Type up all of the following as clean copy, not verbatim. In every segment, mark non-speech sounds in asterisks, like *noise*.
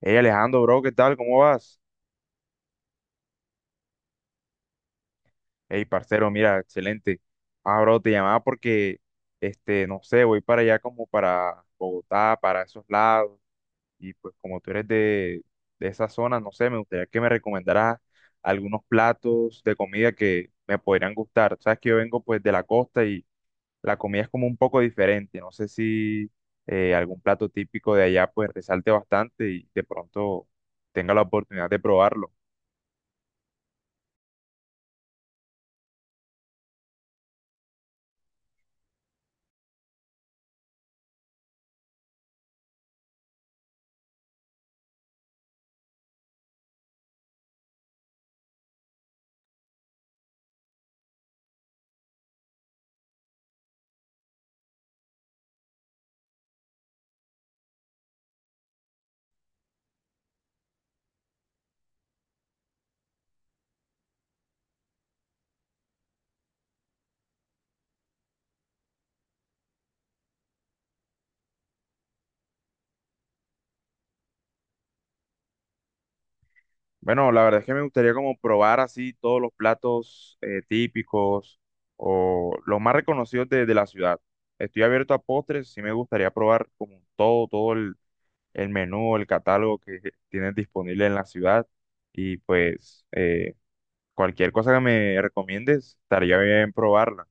Hey Alejandro, bro, ¿qué tal? ¿Cómo vas? Hey, parcero, mira, excelente. Ah, bro, te llamaba porque este, no sé, voy para allá como para Bogotá, para esos lados. Y pues como tú eres de esa zona, no sé, me gustaría que me recomendaras algunos platos de comida que me podrían gustar. Sabes que yo vengo pues de la costa y la comida es como un poco diferente. No sé si algún plato típico de allá pues resalte bastante y de pronto tenga la oportunidad de probarlo. Bueno, la verdad es que me gustaría como probar así todos los platos típicos o los más reconocidos de la ciudad. Estoy abierto a postres, sí me gustaría probar como todo el menú, el catálogo que tienes disponible en la ciudad. Y pues cualquier cosa que me recomiendes, estaría bien probarla.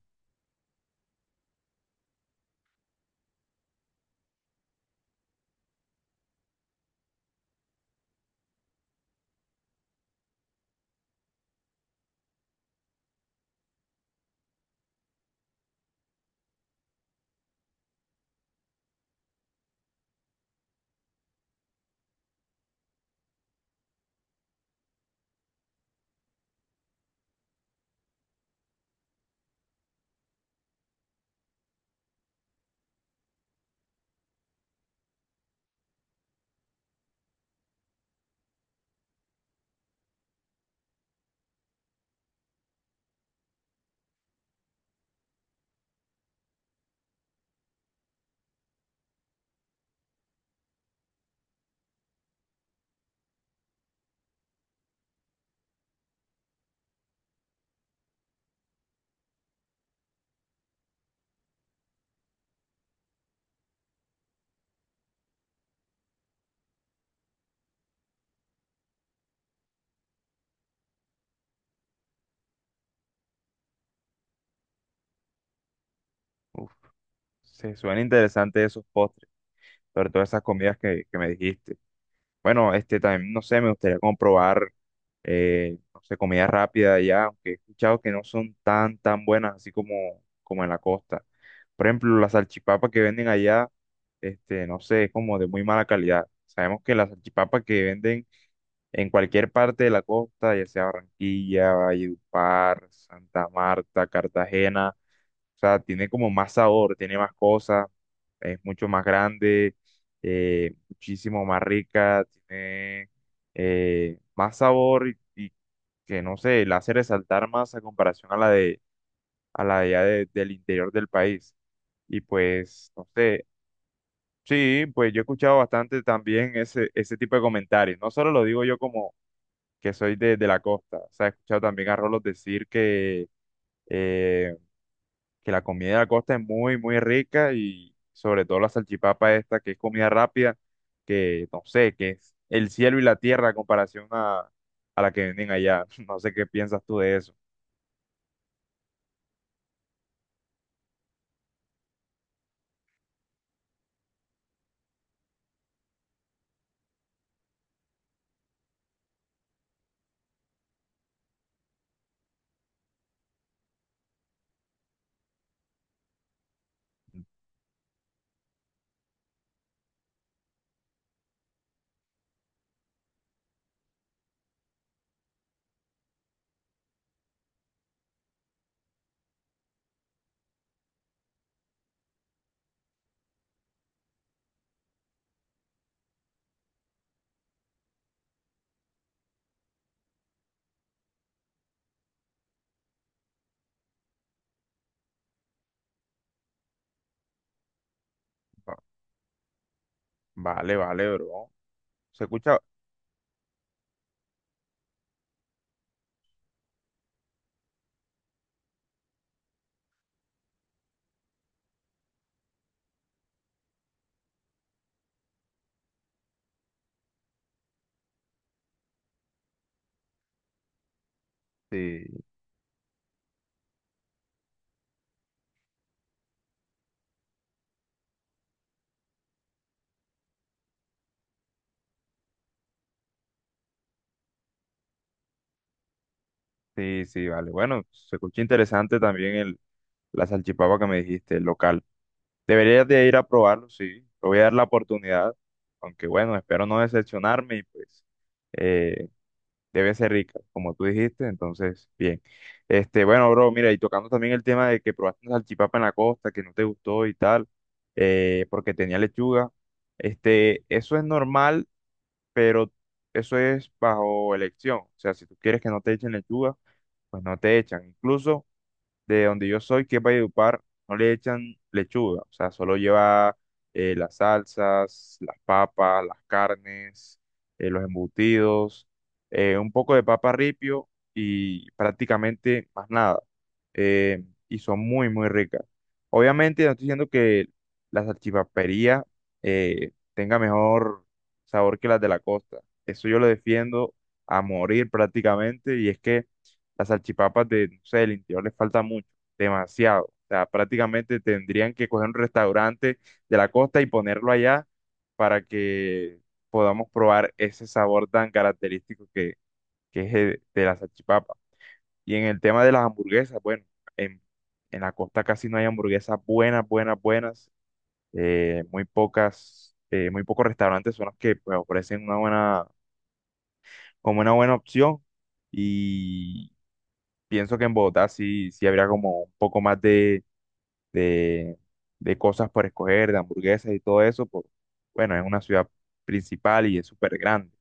Uf, se suena interesante esos postres, sobre todo esas comidas que me dijiste. Bueno, este también, no sé, me gustaría comprobar, no sé, comida rápida allá, aunque he escuchado que no son tan buenas así como en la costa. Por ejemplo, las salchipapas que venden allá, este, no sé, es como de muy mala calidad. Sabemos que las salchipapas que venden en cualquier parte de la costa, ya sea Barranquilla, Valledupar, Santa Marta, Cartagena, o sea, tiene como más sabor, tiene más cosas, es mucho más grande, muchísimo más rica, tiene más sabor y que no sé, la hace resaltar más a comparación a la de del interior del país. Y pues, no sé, sí, pues yo he escuchado bastante también ese tipo de comentarios. No solo lo digo yo como que soy de la costa, o sea, he escuchado también a Rolos decir eh, que la comida de la costa es muy, muy rica y sobre todo la salchipapa esta, que es comida rápida, que no sé, que es el cielo y la tierra a comparación a la que venden allá. *laughs* No sé qué piensas tú de eso. Va- Vale, vale, bro. Se escucha, sí, sí, sí, vale. Bueno, se escucha interesante también la salchipapa que me dijiste, el local. Deberías de ir a probarlo, sí. Le voy a dar la oportunidad, aunque bueno, espero no decepcionarme y pues eh, debe ser rica, como tú dijiste, entonces, bien. Este, bueno, bro, mira, y tocando también el tema de que probaste una salchipapa en la costa, que no te gustó y tal, porque tenía lechuga, este, eso es normal, pero eso es bajo elección, o sea, si tú quieres que no te echen lechuga, pues no te echan, incluso de donde yo soy, que es Valledupar, no le echan lechuga, o sea, solo lleva las salsas, las papas, las carnes, los embutidos, un poco de papa ripio y prácticamente más nada. Y son muy, muy ricas. Obviamente, no estoy diciendo que la salchipapería tenga mejor sabor que las de la costa. Eso yo lo defiendo a morir prácticamente y es que las salchipapas de, no sé, del interior les falta mucho, demasiado. O sea, prácticamente tendrían que coger un restaurante de la costa y ponerlo allá para que podamos probar ese sabor tan característico que es el de la salchipapa. Y en el tema de las hamburguesas, bueno, en, en la costa casi no hay hamburguesas buenas, buenas, buenas. Muy pocas, muy pocos restaurantes son los que pues, ofrecen una buena, como una buena opción. Y pienso que en Bogotá sí, sí habría como un poco más de, de cosas por escoger, de hamburguesas y todo eso, por, bueno, es una ciudad principal y es súper grande.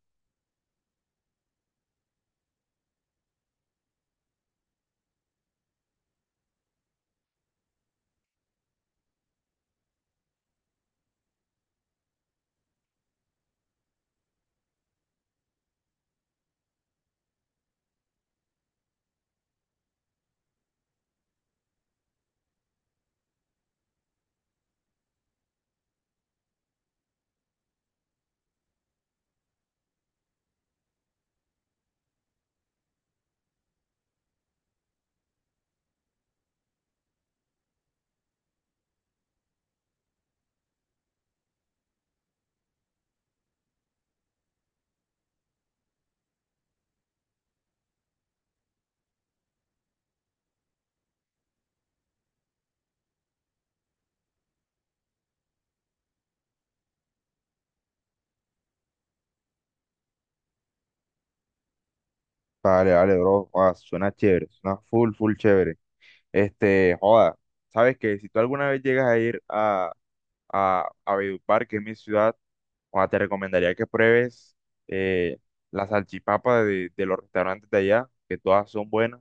Vale, vale, bro. Joda, suena chévere, suena full, full chévere. Este, joda, sabes que si tú alguna vez llegas a ir a Valledupar, que es mi ciudad, joda, te recomendaría que pruebes eh, la salchipapa de los restaurantes de allá, que todas son buenas.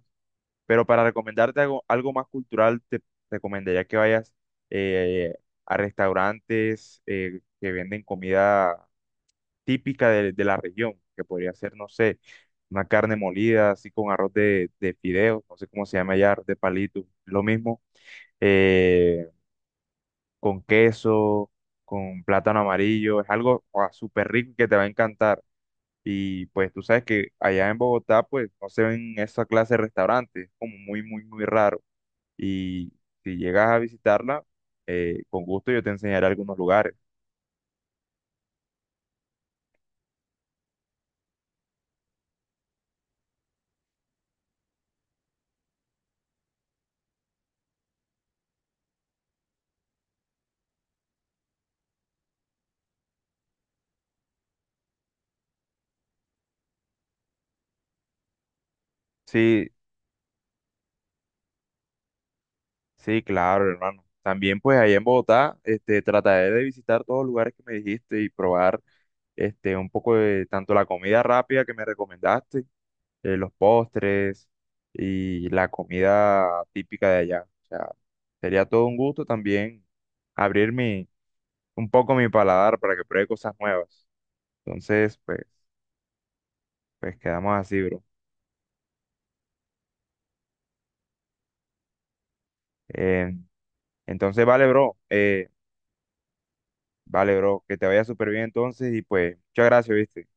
Pero para recomendarte algo, algo más cultural, te recomendaría que vayas eh, a restaurantes que venden comida típica de la región, que podría ser, no sé, una carne molida, así con arroz de fideos, no sé cómo se llama ya, arroz de palito, lo mismo, eh, con queso, con plátano amarillo, es algo ah, súper rico que te va a encantar. Y pues tú sabes que allá en Bogotá, pues no se ven esa clase de restaurantes, como muy, muy, muy raro y si llegas a visitarla, con gusto yo te enseñaré algunos lugares. Sí, sí, claro, hermano. También pues allá en Bogotá, este, trataré de visitar todos los lugares que me dijiste y probar este, un poco de tanto la comida rápida que me recomendaste, los postres y la comida típica de allá. O sea, sería todo un gusto también abrir mi, un poco mi paladar para que pruebe cosas nuevas. Entonces, pues, pues quedamos así, bro. Em, Entonces, vale, bro. Vale, bro. Que te vaya súper bien entonces y pues, muchas gracias, ¿viste?